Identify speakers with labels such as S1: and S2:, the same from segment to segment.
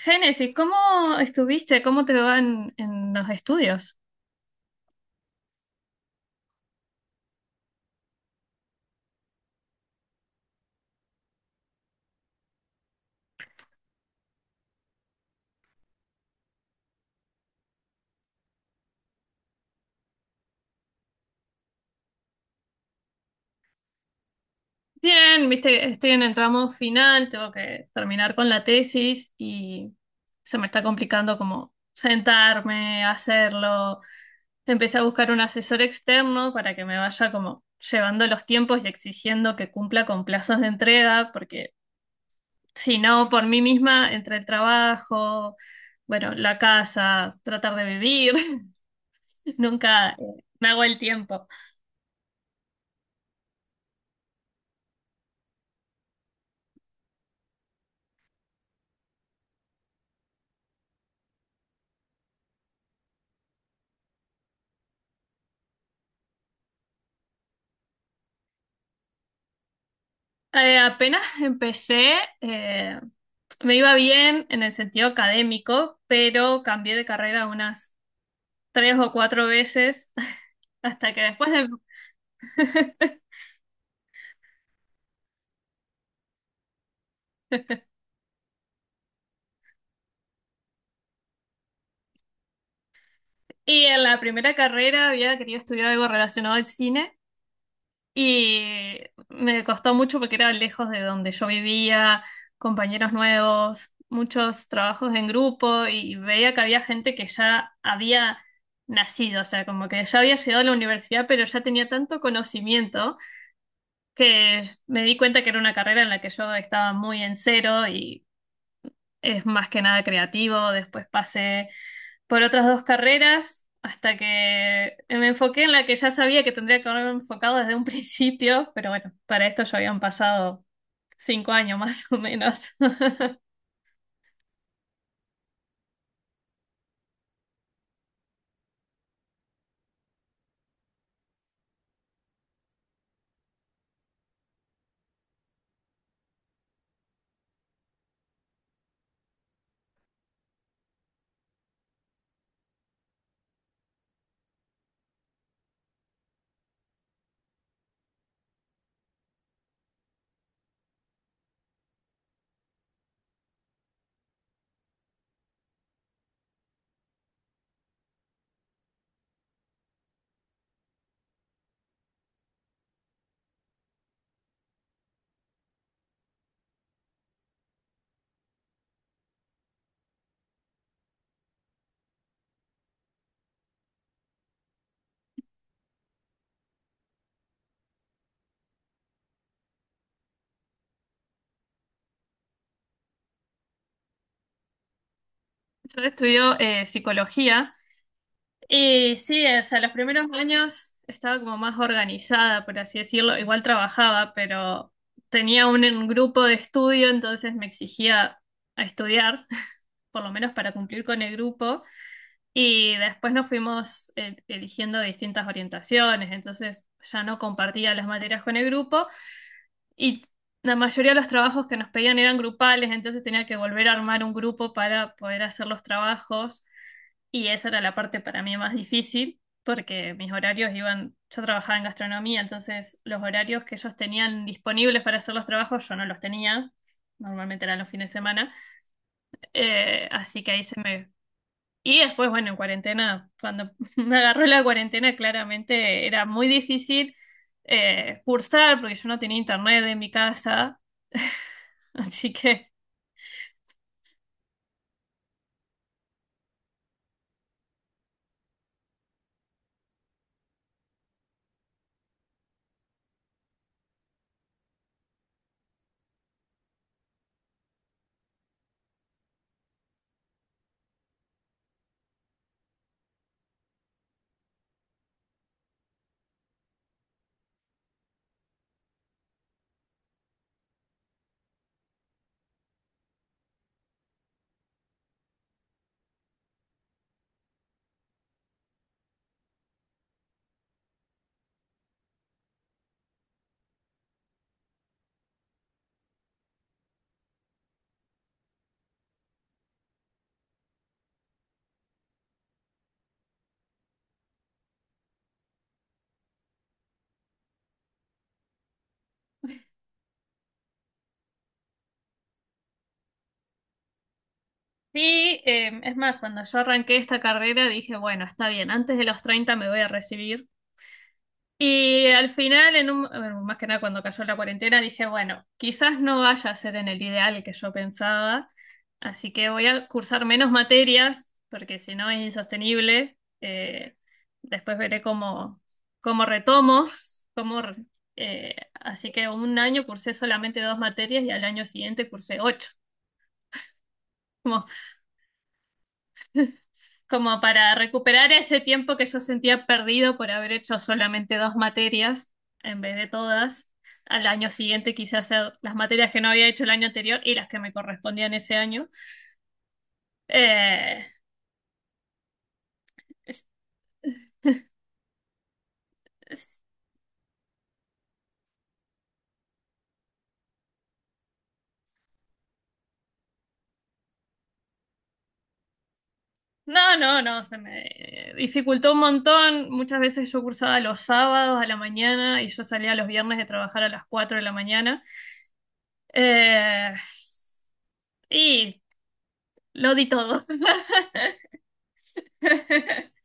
S1: Génesis, ¿cómo estuviste? ¿Cómo te va en los estudios? Bien, viste, estoy en el tramo final, tengo que terminar con la tesis y se me está complicando como sentarme, hacerlo. Empecé a buscar un asesor externo para que me vaya como llevando los tiempos y exigiendo que cumpla con plazos de entrega, porque si no, por mí misma, entre el trabajo, bueno, la casa, tratar de vivir, nunca me hago el tiempo. Apenas empecé, eh, me iba bien en el sentido académico, pero cambié de carrera unas tres o cuatro veces hasta que después de... Y en la primera carrera había querido estudiar algo relacionado al cine y me costó mucho porque era lejos de donde yo vivía, compañeros nuevos, muchos trabajos en grupo y veía que había gente que ya había nacido, o sea, como que ya había llegado a la universidad, pero ya tenía tanto conocimiento que me di cuenta que era una carrera en la que yo estaba muy en cero y es más que nada creativo. Después pasé por otras dos carreras hasta que me enfoqué en la que ya sabía que tendría que haberme enfocado desde un principio, pero bueno, para esto ya habían pasado 5 años más o menos. Yo estudio psicología. Y sí, o sea, los primeros años estaba como más organizada, por así decirlo. Igual trabajaba, pero tenía un grupo de estudio, entonces me exigía a estudiar, por lo menos para cumplir con el grupo. Y después nos fuimos eligiendo distintas orientaciones, entonces ya no compartía las materias con el grupo y la mayoría de los trabajos que nos pedían eran grupales, entonces tenía que volver a armar un grupo para poder hacer los trabajos. Y esa era la parte para mí más difícil, porque mis horarios iban, yo trabajaba en gastronomía, entonces los horarios que ellos tenían disponibles para hacer los trabajos yo no los tenía, normalmente eran los fines de semana. Así que ahí se me, y después, bueno, en cuarentena, cuando me agarró la cuarentena, claramente era muy difícil cursar porque yo no tenía internet en mi casa. Así que sí, es más, cuando yo arranqué esta carrera dije, bueno, está bien, antes de los 30 me voy a recibir. Y al final, en un, bueno, más que nada cuando cayó la cuarentena, dije, bueno, quizás no vaya a ser en el ideal que yo pensaba, así que voy a cursar menos materias, porque si no es insostenible. Después veré cómo retomo, cómo, re- así que un año cursé solamente dos materias y al año siguiente cursé ocho. Como para recuperar ese tiempo que yo sentía perdido por haber hecho solamente dos materias en vez de todas. Al año siguiente quise hacer las materias que no había hecho el año anterior y las que me correspondían ese año. Eh, es- es- no, no, no, se me dificultó un montón. Muchas veces yo cursaba los sábados a la mañana y yo salía los viernes de trabajar a las 4 de la mañana. Eh, y lo di todo.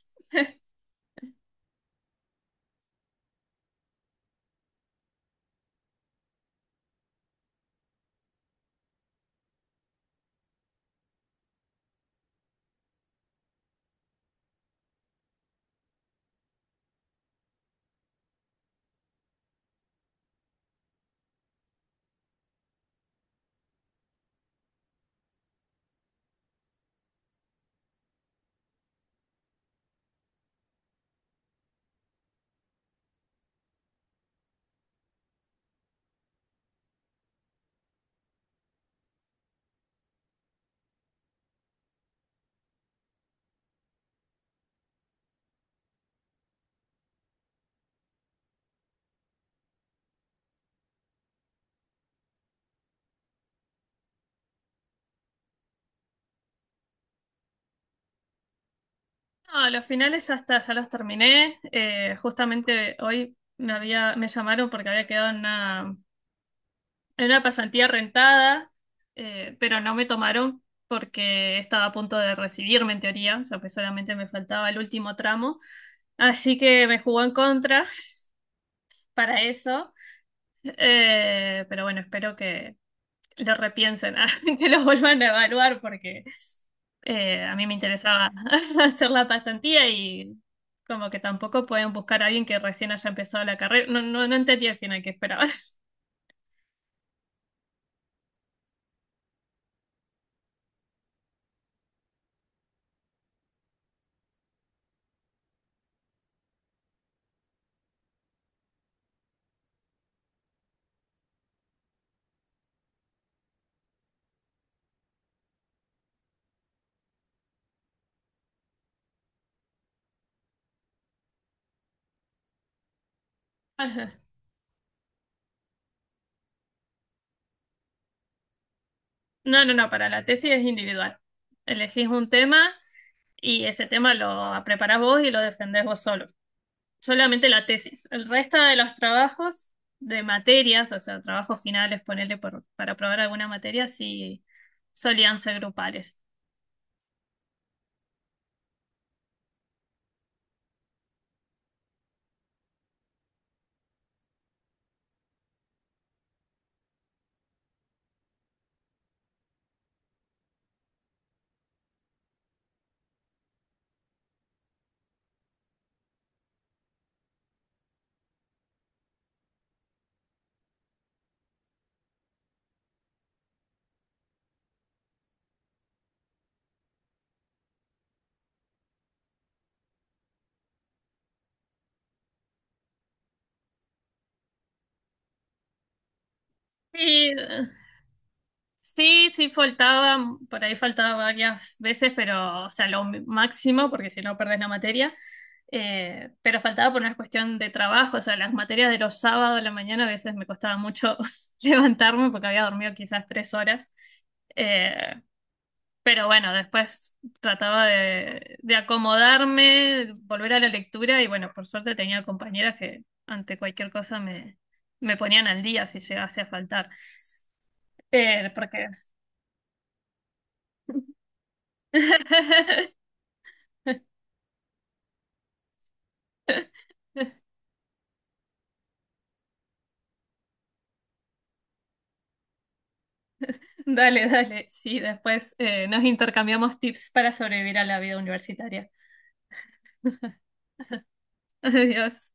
S1: No, los finales ya está, ya los terminé. Justamente hoy me llamaron porque había quedado en una pasantía rentada, pero no me tomaron porque estaba a punto de recibirme en teoría, o sea que solamente me faltaba el último tramo. Así que me jugó en contra para eso. Pero bueno, espero que lo repiensen, que lo vuelvan a evaluar porque a mí me interesaba hacer la pasantía y como que tampoco pueden buscar a alguien que recién haya empezado la carrera. No, no, no entendí al final qué esperaban. No, no, no, para la tesis es individual. Elegís un tema y ese tema lo preparás vos y lo defendés vos solo. Solamente la tesis. El resto de los trabajos de materias, o sea, trabajos finales, ponerle para probar alguna materia, sí solían ser grupales. Sí, sí, sí, faltaba, por ahí faltaba varias veces, pero, o sea, lo máximo, porque si no perdés la materia, pero faltaba por una cuestión de trabajo, o sea, las materias de los sábados a la mañana a veces me costaba mucho levantarme porque había dormido quizás 3 horas. Eh, pero bueno, después trataba de acomodarme, volver a la lectura y bueno, por suerte tenía compañeras que ante cualquier cosa me, me ponían al día si llegase a faltar. Porque Dale, dale. Sí, después nos intercambiamos tips para sobrevivir a la vida universitaria. Adiós.